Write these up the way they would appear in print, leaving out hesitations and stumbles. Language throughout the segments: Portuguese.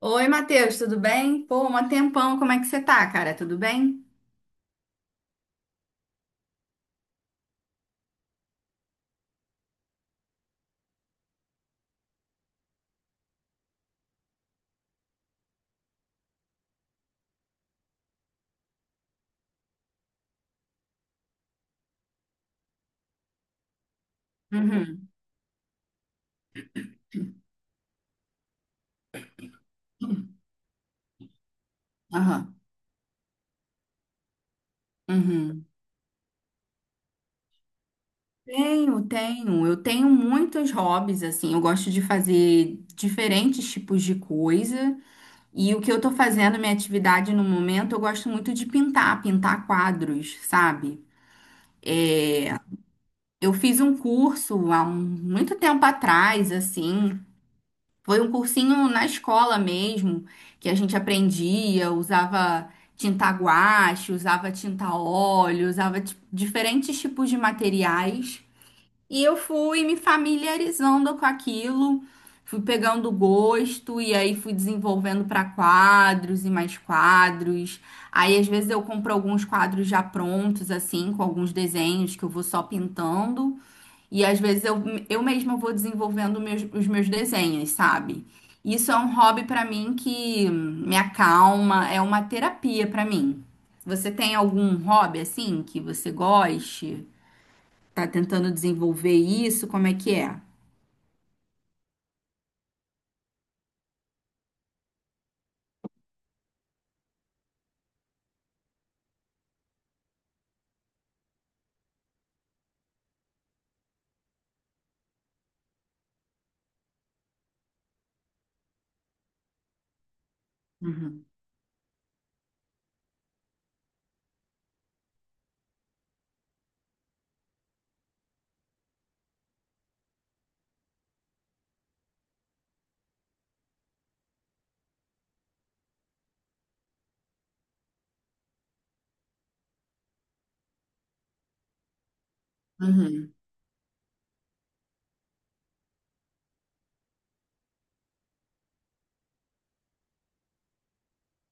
Oi, Matheus, tudo bem? Pô, um tempão, como é que você tá, cara? Tudo bem? Uhum, aham, uhum. Tenho, tenho. Eu tenho muitos hobbies, assim. Eu gosto de fazer diferentes tipos de coisa. E o que eu tô fazendo, minha atividade no momento, eu gosto muito de pintar, pintar quadros, sabe? Eu fiz um curso muito tempo atrás, assim, foi um cursinho na escola mesmo, que a gente aprendia, usava tinta guache, usava tinta óleo, usava diferentes tipos de materiais. E eu fui me familiarizando com aquilo, fui pegando gosto e aí fui desenvolvendo para quadros e mais quadros. Aí às vezes eu compro alguns quadros já prontos, assim, com alguns desenhos que eu vou só pintando. E às vezes eu mesma vou desenvolvendo os meus desenhos, sabe? Isso é um hobby pra mim que me acalma, é uma terapia pra mim. Você tem algum hobby assim que você goste? Tá tentando desenvolver isso? Como é que é? Uhum. Uhum.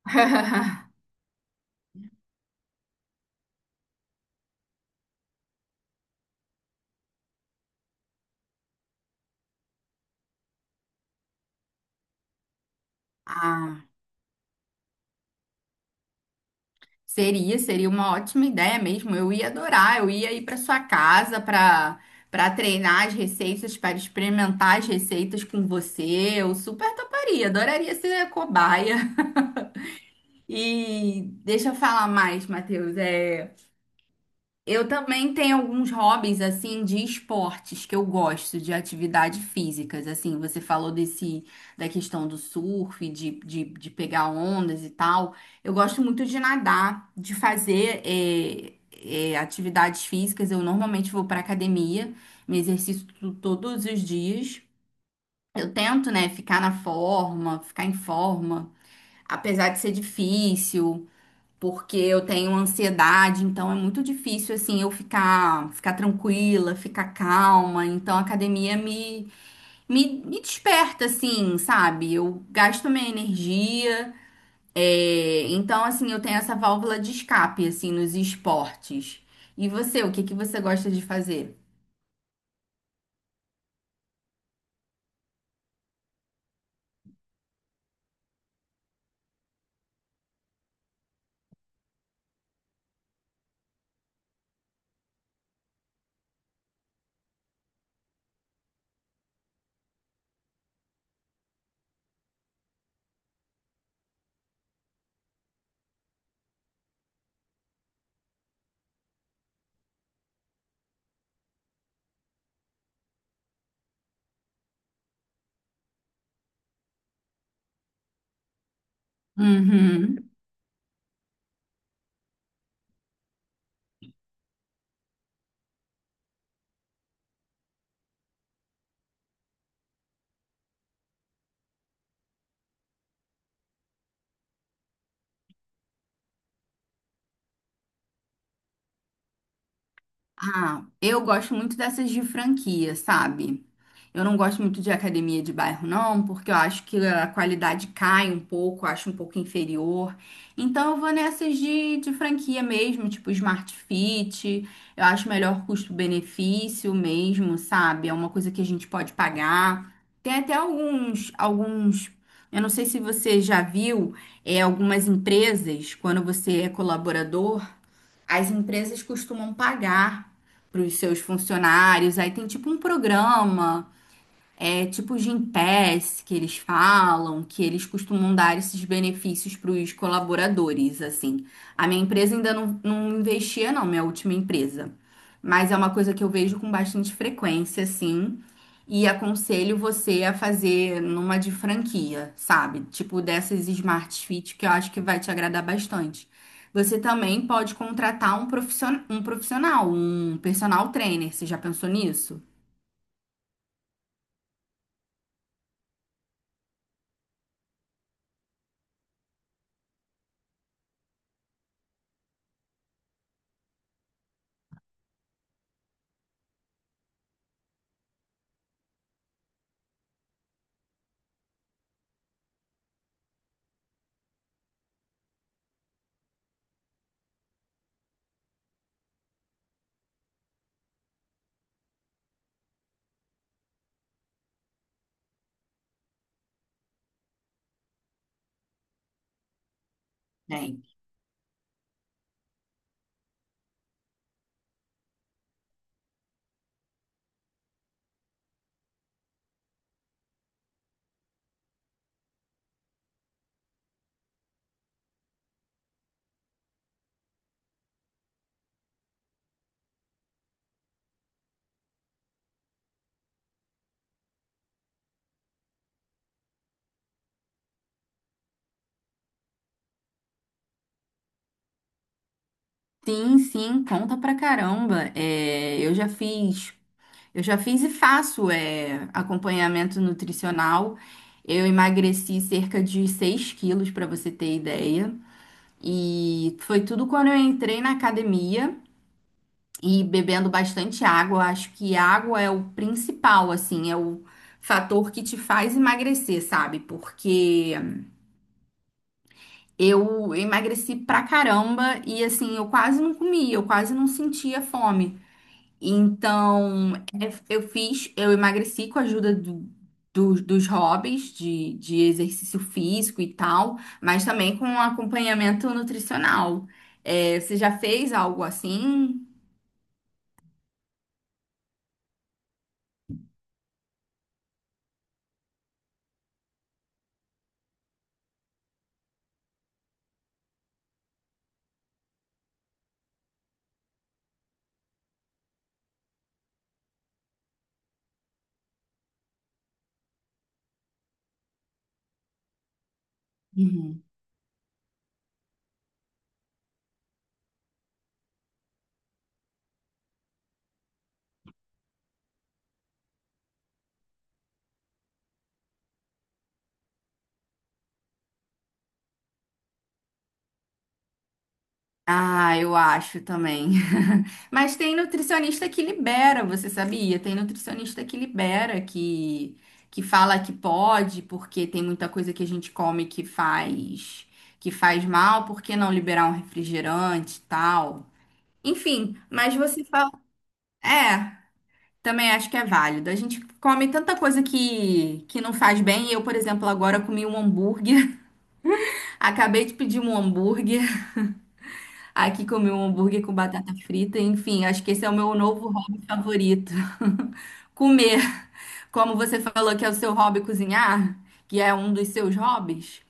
Ah, seria, seria uma ótima ideia mesmo. Eu ia adorar. Eu ia ir para sua casa para treinar as receitas, para experimentar as receitas com você. Eu super toparia, adoraria ser cobaia. E deixa eu falar mais, Matheus. É, eu também tenho alguns hobbies assim de esportes que eu gosto, de atividades físicas. Assim, você falou desse da questão do surf, de pegar ondas e tal. Eu gosto muito de nadar, de fazer atividades físicas. Eu normalmente vou para academia, me exercito todos os dias. Eu tento, né, ficar na forma, ficar em forma, apesar de ser difícil porque eu tenho ansiedade, então é muito difícil assim eu ficar tranquila, ficar calma. Então a academia me desperta assim, sabe? Eu gasto minha energia. Então assim eu tenho essa válvula de escape assim nos esportes. E você, o que que você gosta de fazer? Uhum. Ah, eu gosto muito dessas de franquia, sabe? Eu não gosto muito de academia de bairro, não, porque eu acho que a qualidade cai um pouco, eu acho um pouco inferior. Então eu vou nessas de franquia mesmo, tipo Smart Fit. Eu acho melhor custo-benefício mesmo, sabe? É uma coisa que a gente pode pagar. Tem até alguns. Eu não sei se você já viu, algumas empresas, quando você é colaborador. As empresas costumam pagar para os seus funcionários, aí tem tipo um programa, é tipo o Gympass que eles falam, que eles costumam dar esses benefícios para os colaboradores, assim. A minha empresa ainda não investia, não, minha última empresa. Mas é uma coisa que eu vejo com bastante frequência, assim. E aconselho você a fazer numa de franquia, sabe? Tipo dessas Smart Fit, que eu acho que vai te agradar bastante. Você também pode contratar um profissional, um personal trainer. Você já pensou nisso? Sim, sim, conta pra caramba. É, eu já fiz e faço acompanhamento nutricional. Eu emagreci cerca de 6 quilos, pra você ter ideia. E foi tudo quando eu entrei na academia e bebendo bastante água. Eu acho que água é o principal, assim, é o fator que te faz emagrecer, sabe? Porque eu emagreci pra caramba e assim, eu quase não comia, eu quase não sentia fome. Então, eu emagreci com a ajuda dos hobbies de exercício físico e tal, mas também com um acompanhamento nutricional. É, você já fez algo assim? Ah, eu acho também. Mas tem nutricionista que libera, você sabia? Tem nutricionista que libera, que fala que pode, porque tem muita coisa que a gente come que faz mal, por que não liberar um refrigerante e tal? Enfim, mas você fala. É, também acho que é válido. A gente come tanta coisa que não faz bem. Eu, por exemplo, agora comi um hambúrguer. Acabei de pedir um hambúrguer. Aqui comi um hambúrguer com batata frita, enfim, acho que esse é o meu novo hobby favorito. Comer. Como você falou que é o seu hobby cozinhar, que é um dos seus hobbies,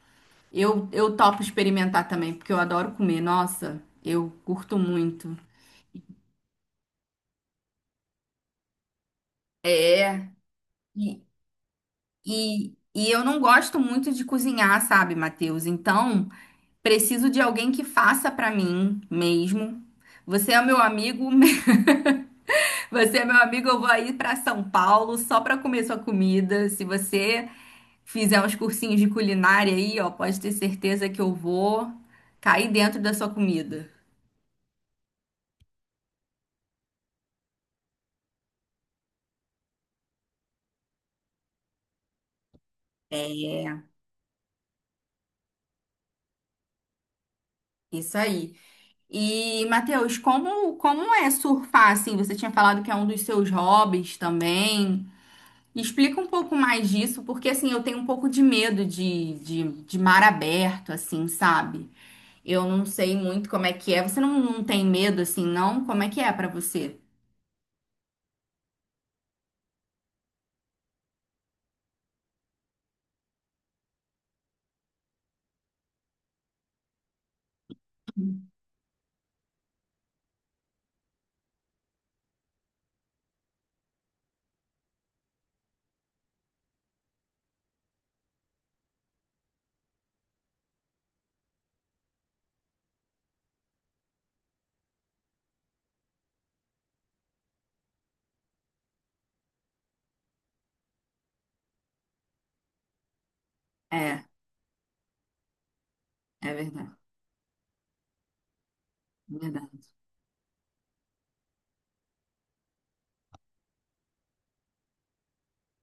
eu topo experimentar também, porque eu adoro comer. Nossa, eu curto muito. E, e, e eu não gosto muito de cozinhar, sabe, Matheus? Então, preciso de alguém que faça pra mim mesmo. Você é meu amigo, você é meu amigo, eu vou aí para São Paulo só para comer sua comida. Se você fizer uns cursinhos de culinária aí, ó, pode ter certeza que eu vou cair dentro da sua comida. É, isso aí. E, Matheus, como é surfar assim? Você tinha falado que é um dos seus hobbies também. Explica um pouco mais disso, porque assim, eu tenho um pouco de medo de mar aberto, assim, sabe? Eu não sei muito como é que é. Você não tem medo assim, não? Como é que é pra você? É, é verdade, verdade,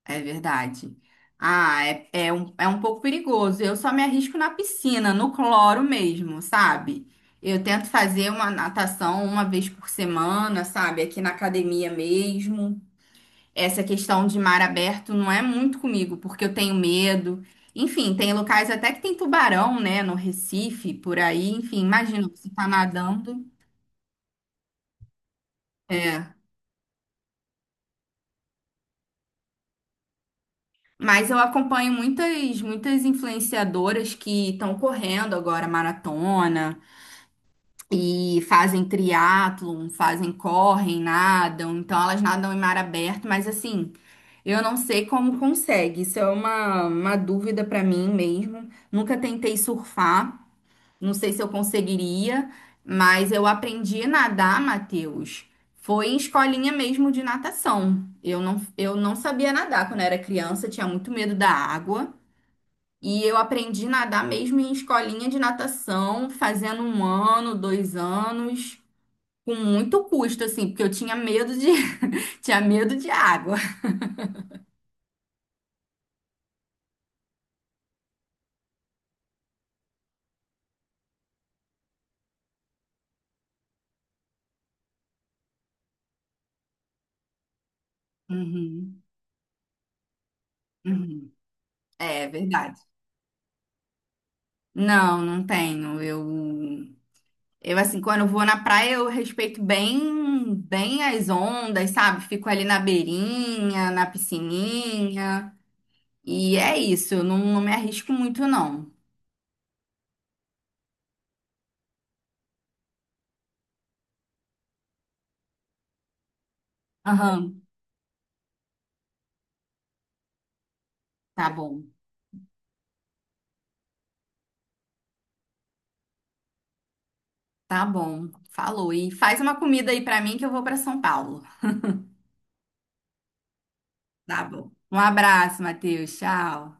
é verdade. Ah, é um pouco perigoso. Eu só me arrisco na piscina, no cloro mesmo, sabe? Eu tento fazer uma natação uma vez por semana, sabe? Aqui na academia mesmo. Essa questão de mar aberto não é muito comigo, porque eu tenho medo. Enfim, tem locais até que tem tubarão, né? No Recife, por aí. Enfim, imagina, você tá nadando. É. Mas eu acompanho muitas, muitas influenciadoras que estão correndo agora maratona e fazem triatlon, fazem, correm, nadam. Então elas nadam em mar aberto, mas assim, eu não sei como consegue. Isso é uma dúvida para mim mesmo. Nunca tentei surfar, não sei se eu conseguiria, mas eu aprendi a nadar, Matheus. Foi em escolinha mesmo de natação. Eu não sabia nadar quando era criança, tinha muito medo da água. E eu aprendi a nadar mesmo em escolinha de natação, fazendo um ano, dois anos, com muito custo, assim, porque eu tinha medo de, tinha medo de água. Uhum, uhum. É verdade. Não tenho. Eu assim, quando eu vou na praia, eu respeito bem, bem as ondas, sabe? Fico ali na beirinha, na piscininha. E é isso, eu não me arrisco muito, não. Aham. Tá bom. Tá bom. Falou. E faz uma comida aí pra mim que eu vou pra São Paulo. Tá bom. Um abraço, Matheus. Tchau.